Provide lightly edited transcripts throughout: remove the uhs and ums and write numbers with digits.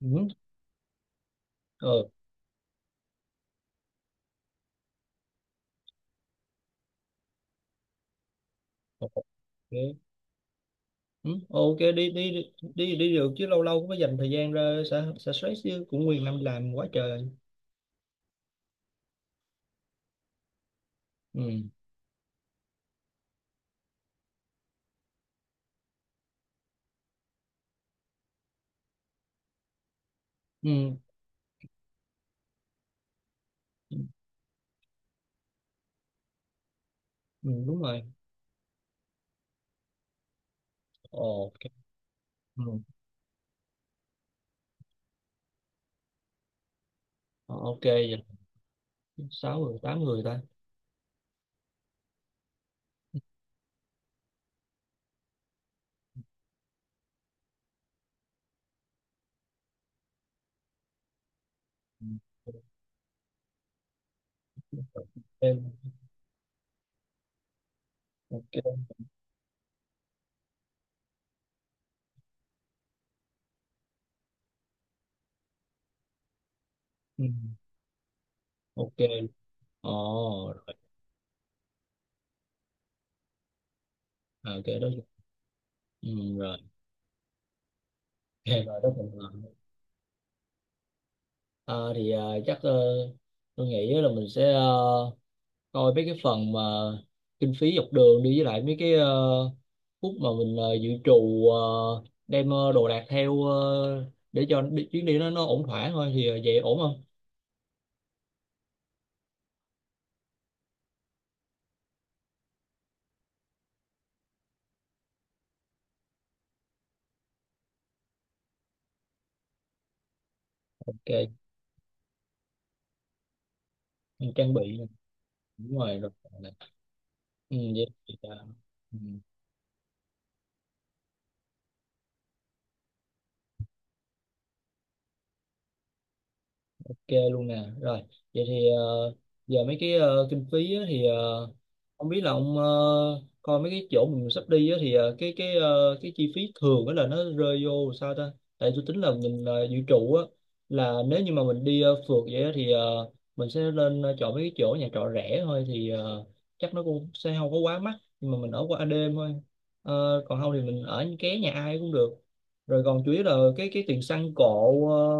Ừ. Ừ. Ok. Ừ. Ok, đi đi đi đi đi được chứ, lâu lâu cũng phải dành thời gian ra xả xả stress chứ, cũng nguyên năm làm quá trời. Ừ. Ừ. Ừ, ừ, đúng rồi. Ok. Ừ. Ờ, ok vậy. Sáu người tám người ta. Ừ. Em. Ok. Ừ. Ok. Ồ, rồi. Ờ, ok đó. Ừ, rồi. Ok rồi đó mình làm. Ờ, thì chắc tôi nghĩ là mình sẽ coi mấy cái phần mà kinh phí dọc đường đi với lại mấy cái phút mà mình dự trù đem đồ đạc theo để cho chuyến đi nó ổn thỏa thôi thì vậy ổn không? Ok, mình trang bị nè. Đúng rồi rồi. Ừ, vậy thì, ừ. Ok luôn nè. Rồi, vậy thì giờ mấy cái kinh phí á, thì không biết là ông coi mấy cái chỗ mình sắp đi á, thì cái chi phí thường á là nó rơi vô sao ta? Tại tôi tính là mình dự trù á, là nếu như mà mình đi phượt vậy á, thì mình sẽ lên chọn mấy cái chỗ nhà trọ rẻ thôi thì chắc nó cũng sẽ không có quá mắc, nhưng mà mình ở qua đêm thôi. Ờ, còn không thì mình ở ké nhà ai cũng được. Rồi còn chủ yếu là cái tiền xăng cộ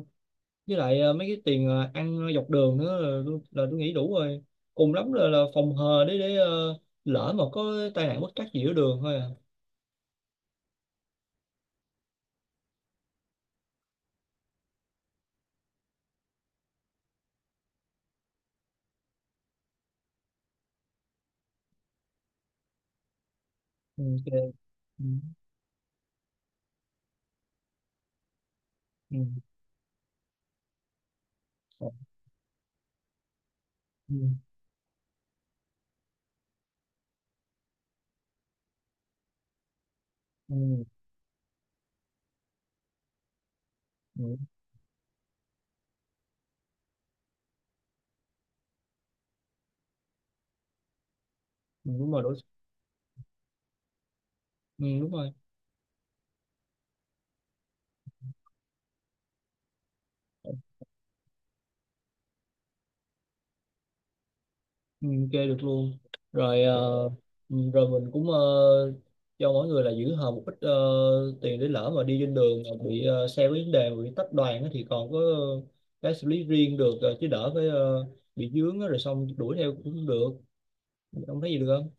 với lại mấy cái tiền ăn dọc đường nữa là, là tôi nghĩ đủ rồi, cùng lắm là phòng hờ để lỡ mà có tai nạn bất trắc gì ở đường thôi à. Ừ, ok. Ừ, ừ, ừ, ừ, ừ, ừ, đúng rồi đủ. Ừ, đúng rồi. Ừ, chơi được luôn. Rồi, ờ, ừ, rồi mình cũng cho mỗi người là giữ hờ một ít tiền, để lỡ mà đi trên đường mà bị xe có vấn đề mà bị tách đoàn á thì còn có cái xử lý riêng được, chứ đỡ phải bị dướng á, rồi xong đuổi theo cũng không được, không thấy gì được không.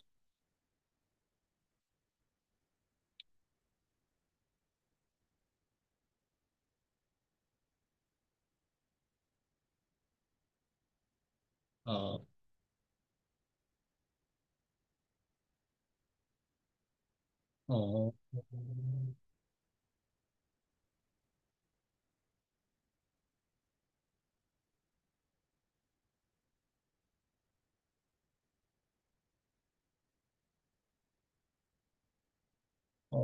Ờ, ờ, ờ.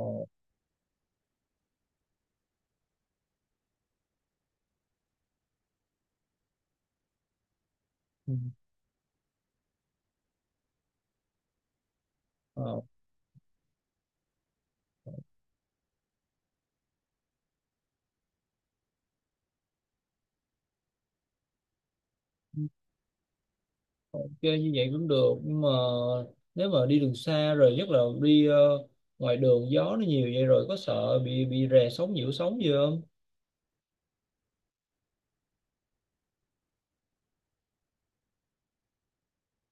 Ừ, ờ, ok như vậy cũng được, nhưng mà nếu mà đi đường xa rồi nhất là đi ngoài đường gió nó nhiều vậy rồi, có sợ bị rè sóng nhiễu sóng gì không.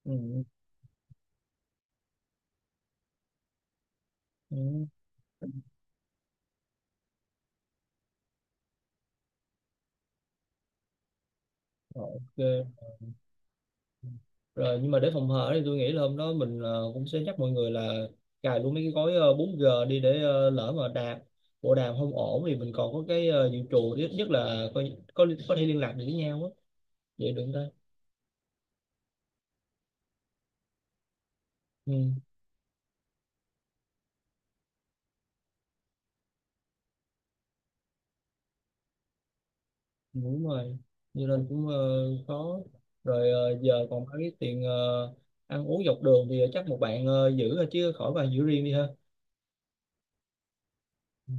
Ừ, ừ. Rồi, ok rồi. Nhưng mà để phòng hờ thì tôi nghĩ là hôm đó mình cũng sẽ nhắc mọi người là cài luôn mấy cái gói 4G đi để lỡ mà bộ đàm không ổn thì mình còn có cái dự trù, ít nhất là có thể liên lạc được với nhau á, vậy được không ta. Ừ, đúng rồi. Như nên cũng khó. Rồi giờ còn có cái tiền ăn uống dọc đường thì chắc một bạn giữ thôi chứ khỏi bạn giữ riêng đi ha. Ừ,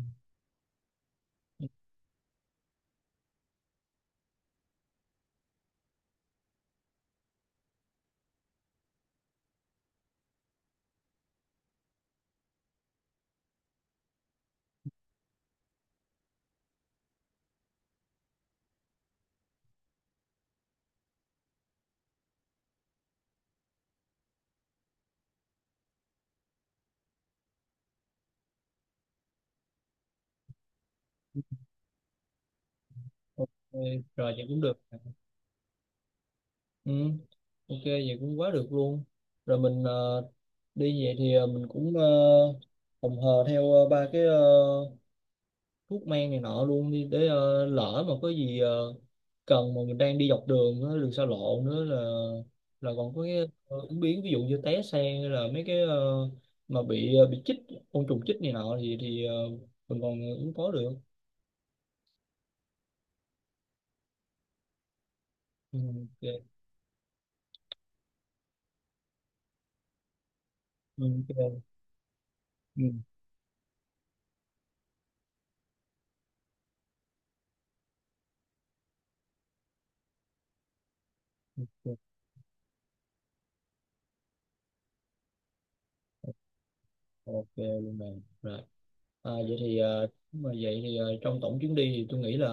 ok rồi vậy cũng được. Ừ, ok vậy cũng quá được luôn. Rồi mình đi về thì mình cũng phòng hờ theo ba cái thuốc men này nọ luôn đi, để lỡ mà có gì cần, mà mình đang đi dọc đường á, đường xa lộ nữa là còn có cái ứng biến, ví dụ như té xe hay là mấy cái mà bị bị chích côn trùng chích này nọ thì mình còn ứng phó được. Ừ, ok. Ừ, ok. Ừ, ok. Ok luôn bạn rồi. À, vậy thì ờ, mà vậy thì ờ, trong tổng chuyến đi thì tôi nghĩ là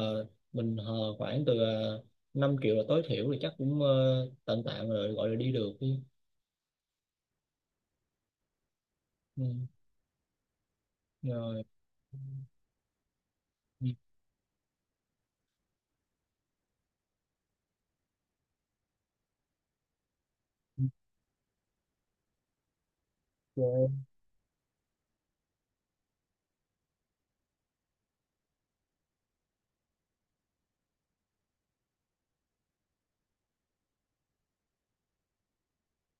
mình hờ khoảng từ uh, 5 triệu là tối thiểu, thì chắc cũng tạm tạm rồi, gọi là đi được đi. Ừ. Rồi. Ừ, ok.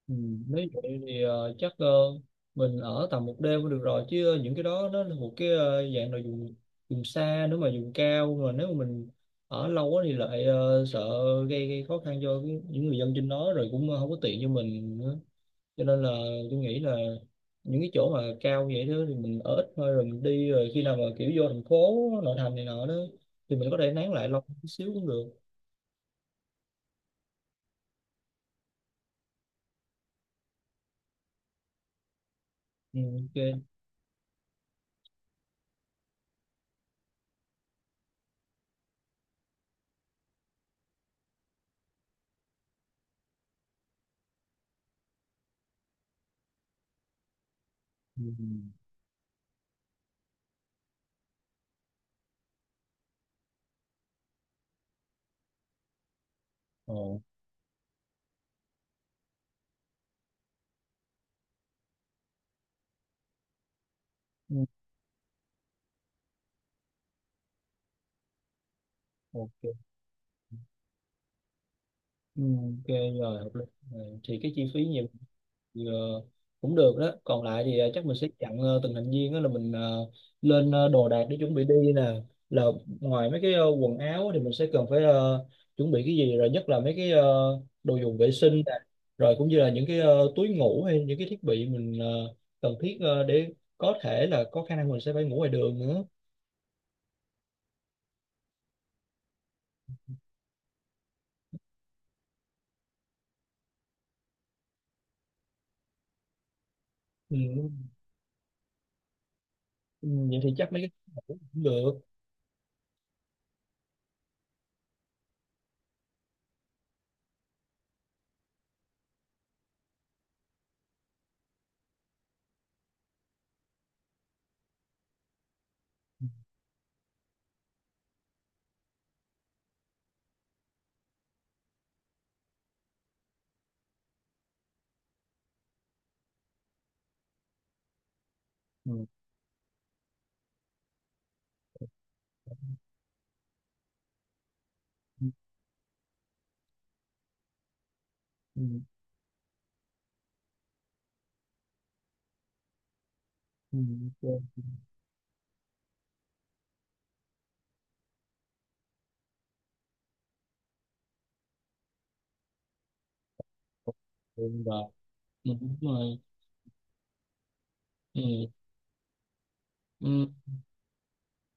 Ừ, nếu vậy thì chắc mình ở tầm một đêm cũng được rồi, chứ những cái đó nó là một cái dạng là vùng vùng xa, nếu mà vùng cao mà nếu mà mình ở lâu quá thì lại sợ gây khó khăn cho những người dân trên đó, rồi cũng không có tiện cho mình nữa, cho nên là tôi nghĩ là những cái chỗ mà cao vậy đó thì mình ở ít thôi rồi mình đi, rồi khi nào mà kiểu vô thành phố nội thành này nọ đó thì mình có thể nán lại lâu chút xíu cũng được. Ừ, ok. Ừ. Ồ, ừ, ok. Ừ, ok rồi hợp lý. Rồi, thì cái chi phí nhiều thì, cũng được đó, còn lại thì chắc mình sẽ chặn từng thành viên đó, là mình lên đồ đạc để chuẩn bị đi nè, là ngoài mấy cái quần áo thì mình sẽ cần phải chuẩn bị cái gì, rồi nhất là mấy cái đồ dùng vệ sinh nè, rồi cũng như là những cái túi ngủ hay những cái thiết bị mình cần thiết để có thể là có khả năng mình sẽ phải ngủ ngoài đường nữa. Ừ. Ừ, vậy thì chắc mấy cái cũng được. Ừ. Ừ. Ừ. Ừ. Ok. Ừ, rồi. Ừ, đúng rồi. Ừ. Ừ.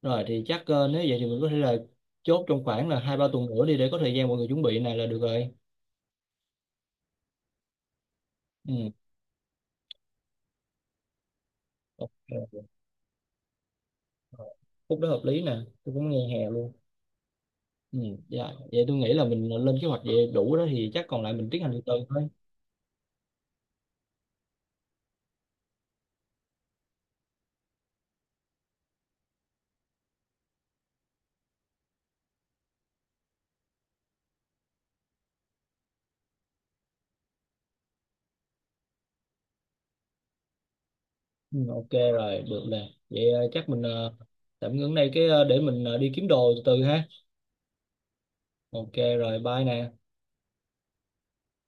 Rồi thì chắc nếu vậy thì mình có thể là chốt trong khoảng là hai ba tuần nữa đi, để có thời gian mọi người chuẩn bị này là được rồi. Ừ. Ok. Rồi. Khúc đó hợp lý nè, tôi cũng nghe hè luôn. Ừ. Dạ. Vậy tôi nghĩ là mình lên kế hoạch vậy đủ đó, thì chắc còn lại mình tiến hành từ từ thôi. Ừ. Ok rồi, được nè. Vậy chắc mình tạm ngưng đây cái để mình đi kiếm đồ từ từ ha. Ok rồi, bye nè.